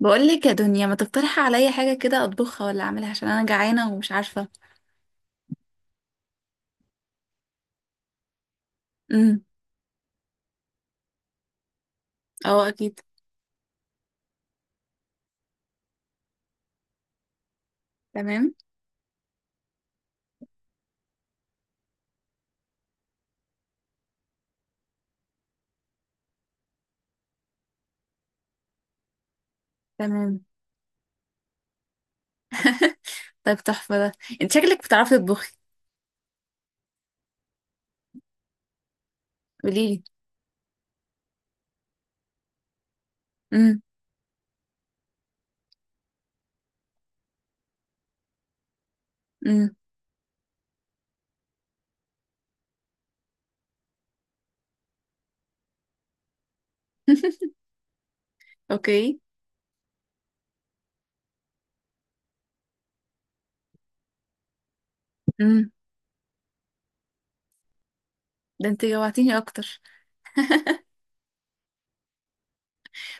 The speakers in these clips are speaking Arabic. بقول لك يا دنيا ما تقترحي عليا حاجة كده أطبخها ولا أعملها عشان أنا جعانة ومش عارفة. امم. اه، أكيد. تمام. تمام. طيب تحفة ده. انت شكلك بتعرفي تطبخي. قوليلي. امم. امم. اوكي. امم. ده انت جوعتيني أكتر.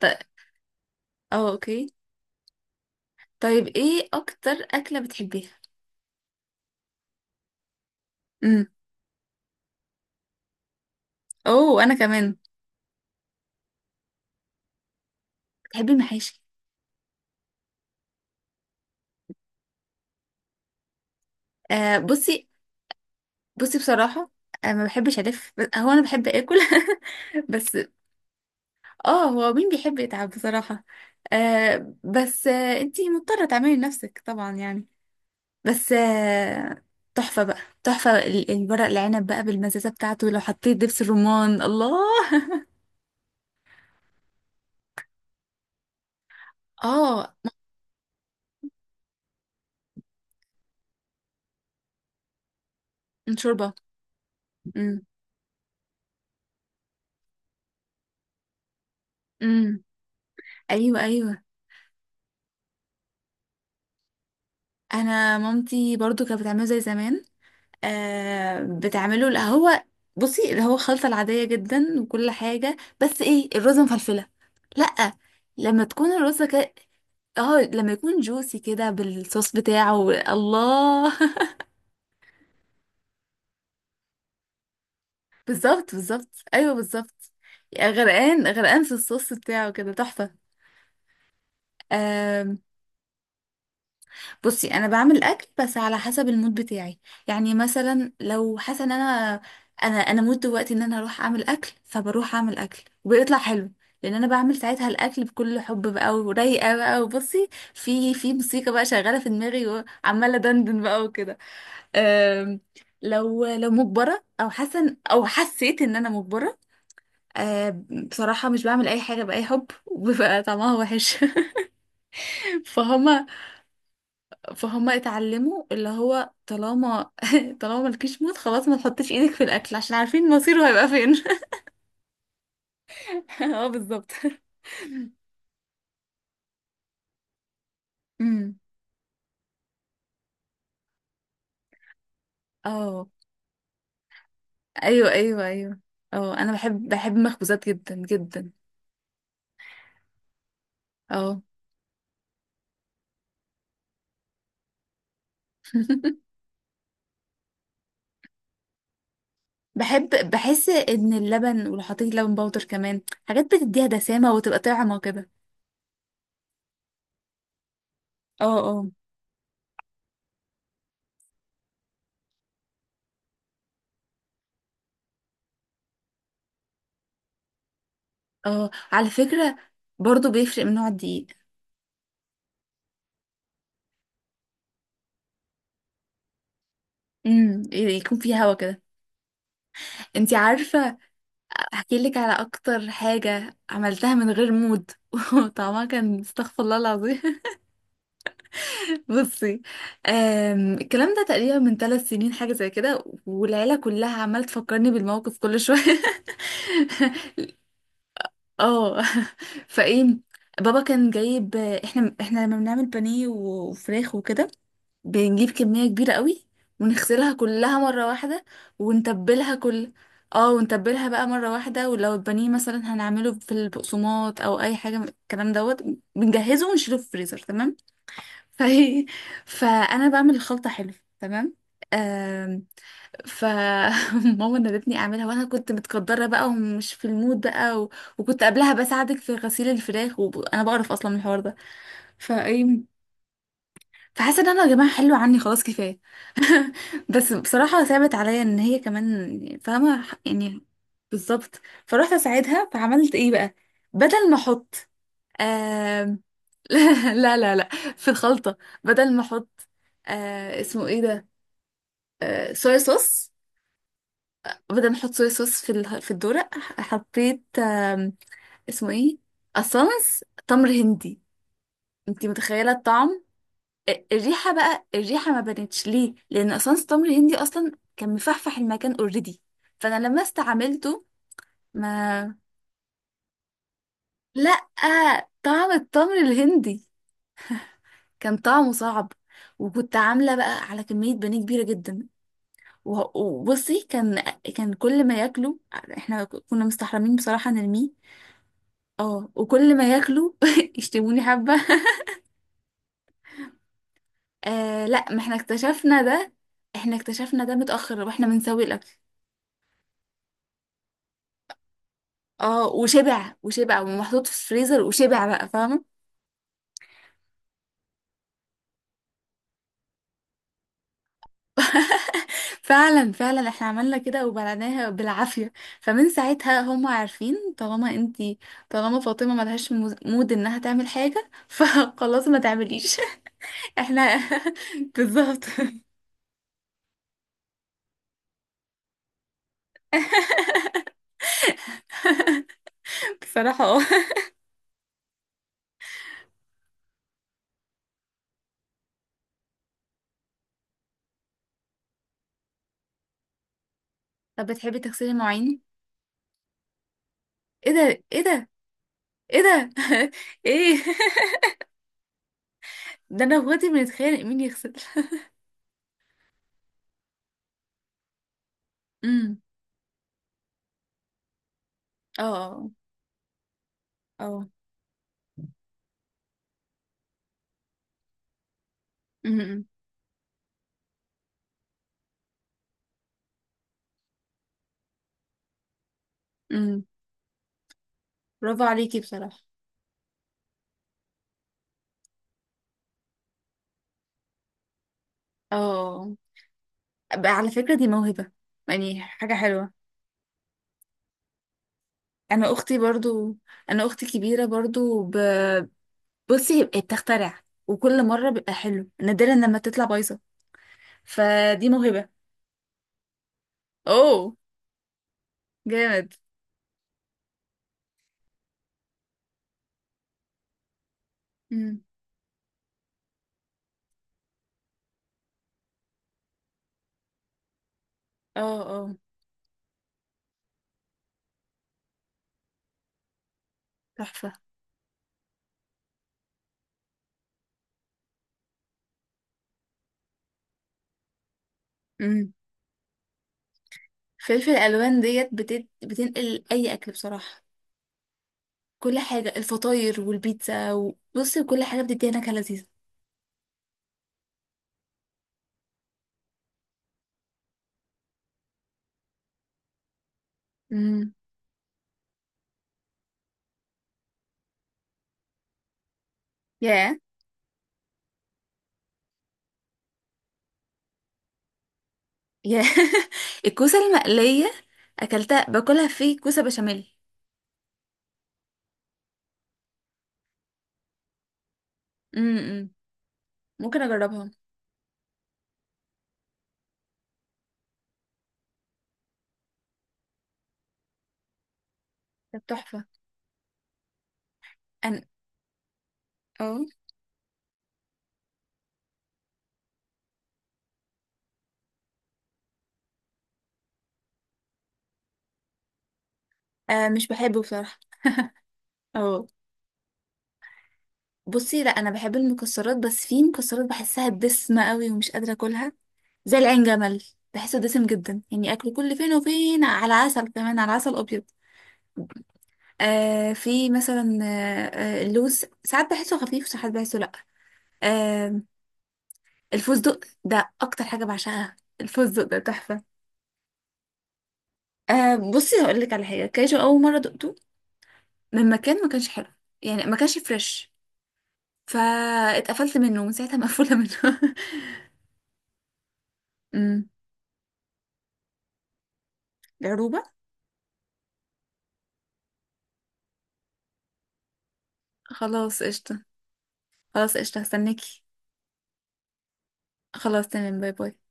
طيب. اه اوكي. طيب، ايه أكتر أكلة بتحبيها؟ امم. اوه أنا كمان. بتحبي المحاشي؟ آه بصي. بصي بصراحة أنا ما بحبش ألف، هو أنا بحب آكل. بس اه، هو مين بيحب يتعب بصراحة. آه بس آه، انتي مضطرة تعملي لنفسك طبعا يعني. بس آه. تحفة بقى. تحفة الورق العنب بقى بالمزازة بتاعته، لو حطيت دبس الرمان، الله. اه. شوربة. امم. امم. ايوه ايوه. انا مامتي برضو كانت بتعمله زي زمان. آه بتعمله. لا، هو بصي اللي هو الخلطة العادية جدا وكل حاجة، بس ايه، الرز مفلفلة. لأ، لما تكون الرز كده. اه لما يكون جوسي كده بالصوص بتاعه، الله. بالظبط بالظبط. ايوه بالظبط. غرقان غرقان في الصوص بتاعه كده، تحفة. آم، بصي انا بعمل اكل بس على حسب المود بتاعي. يعني مثلا لو حاسه ان انا، انا مود دلوقتي ان انا اروح اعمل اكل، فبروح اعمل اكل وبيطلع حلو. لان انا بعمل ساعتها الاكل بكل حب بقى، ورايقه بقى، وبصي في موسيقى بقى شغاله في دماغي وعماله دندن بقى وكده. أم، لو مجبره او حاسه او حسيت ان انا مجبره. أم، بصراحه مش بعمل اي حاجه باي حب وبيبقى طعمها وحش. فهما. فهم اتعلموا اللي هو طالما، طالما مالكيش موت خلاص ما تحطيش ايدك في الاكل عشان عارفين مصيره هيبقى فين. اه بالظبط. أمم. اه. ايوه ايوه ايوه. اه انا بحب المخبوزات جدا جدا. اه. بحب. بحس ان اللبن، ولو حطيت لبن باودر كمان، حاجات بتديها دسامة وتبقى طعمة كده. اه. اه. اه على فكرة برضو بيفرق من نوع الدقيق. امم، يكون فيه هوا كده. انتي عارفة؟ احكي لك على اكتر حاجة عملتها من غير مود وطعمها كان استغفر الله العظيم. بصي. الكلام ده تقريبا من 3 سنين حاجة زي كده، والعيلة كلها عمالة تفكرني بالموقف كل شوية. اه. فايه، بابا كان جايب، احنا لما بنعمل بانيه وفراخ وكده بنجيب كمية كبيرة قوي، ونغسلها كلها مرة واحدة، ونتبلها كل. اه، ونتبلها بقى مرة واحدة. ولو البانيه مثلا هنعمله في البقسماط او اي حاجة من الكلام دوت، بنجهزه ونشيله في الفريزر. تمام. فهي. فانا بعمل الخلطة حلو. تمام. آم، فماما نادتني اعملها، وانا كنت متقدره بقى ومش في المود بقى وكنت قبلها بساعدك في غسيل الفراخ وانا بعرف اصلا من الحوار ده. فايه، فحاسه ان انا يا جماعه حلو عني خلاص كفايه. بس بصراحه صعبت عليا ان هي كمان فاهمه يعني. بالظبط، فروحت اساعدها. فعملت ايه بقى؟ بدل ما احط آم، لا لا لا لا، في الخلطه، بدل ما احط، اسمه ايه ده، صويا صوص. بدل ما احط صويا صوص في في الدورق، حطيت اسمه ايه اصلا، تمر هندي. انتي متخيله الطعم؟ الريحة بقى، الريحة ما بانتش ليه، لأن أسانس تمر هندي أصلا كان مفحفح المكان اوريدي. فأنا لما استعملته ما لأ، طعم التمر الهندي كان طعمه صعب. وكنت عاملة بقى على كمية بانيه كبيرة جدا. وبصي، كان كل ما ياكلوا احنا كنا مستحرمين بصراحة نرميه، اه، وكل ما ياكلوا يشتموني حبة. آه لا، ما احنا اكتشفنا ده، احنا اكتشفنا ده متأخر واحنا بنسوي الأكل. اه، وشبع وشبع ومحطوط في الفريزر وشبع بقى، فاهمة؟ فعلا فعلا احنا عملنا كده وبلعناها بالعافية. فمن ساعتها هم عارفين طالما انتي، طالما فاطمة ملهاش مود انها تعمل حاجة، فخلاص ما تعمليش. احنا. بالظبط. بصراحة اه. طب بتحبي تغسلي المواعين؟ ايه ده، ايه ده، ايه ده. ايه ده، انا واخواتي بنتخانق مين يغسل. امم. اه اه اه. أمم، أمم. امم. برافو عليكي بصراحة. اه بقى، على فكرة دي موهبة، يعني حاجة حلوة. انا اختي برضو. انا اختي كبيرة برضو بصي هي بتخترع وكل مرة بيبقى حلو، نادرا لما تطلع بايظة. فدي موهبة. اوه جامد. امم. اه اه تحفة. امم. فلفل الالوان ديت بتنقل اي اكل بصراحة. كل حاجة، الفطاير والبيتزا بصي كل حاجة بتديها نكهة لذيذة. امم. ياه. يا. الكوسة المقلية أكلتها باكلها في كوسة بشاميل. امم. امم. ممكن أجربها. كانت تحفة. أنا. أو. آه مش بحبه بصراحة. أو بصي لا، أنا بحب المكسرات بس في مكسرات بحسها دسمة قوي ومش قادرة أكلها، زي العين جمل، بحسه دسم جدا، يعني أكله كل فين وفين على عسل كمان، على عسل أبيض. آه في مثلا آه، اللوز ساعات بحسه خفيف وساعات بحسه لأ. آه الفستق ده أكتر حاجة بعشقها. الفستق ده تحفة. آه بصي هقول لك على حاجه، كاجو اول مره دقته من مكان ما كانش حلو، يعني ما كانش فريش، فاتقفلت منه ومن ساعتها مقفوله منه. امم. العروبة. خلاص قشطه. خلاص قشطه هستناكي. خلاص تمام، باي باي.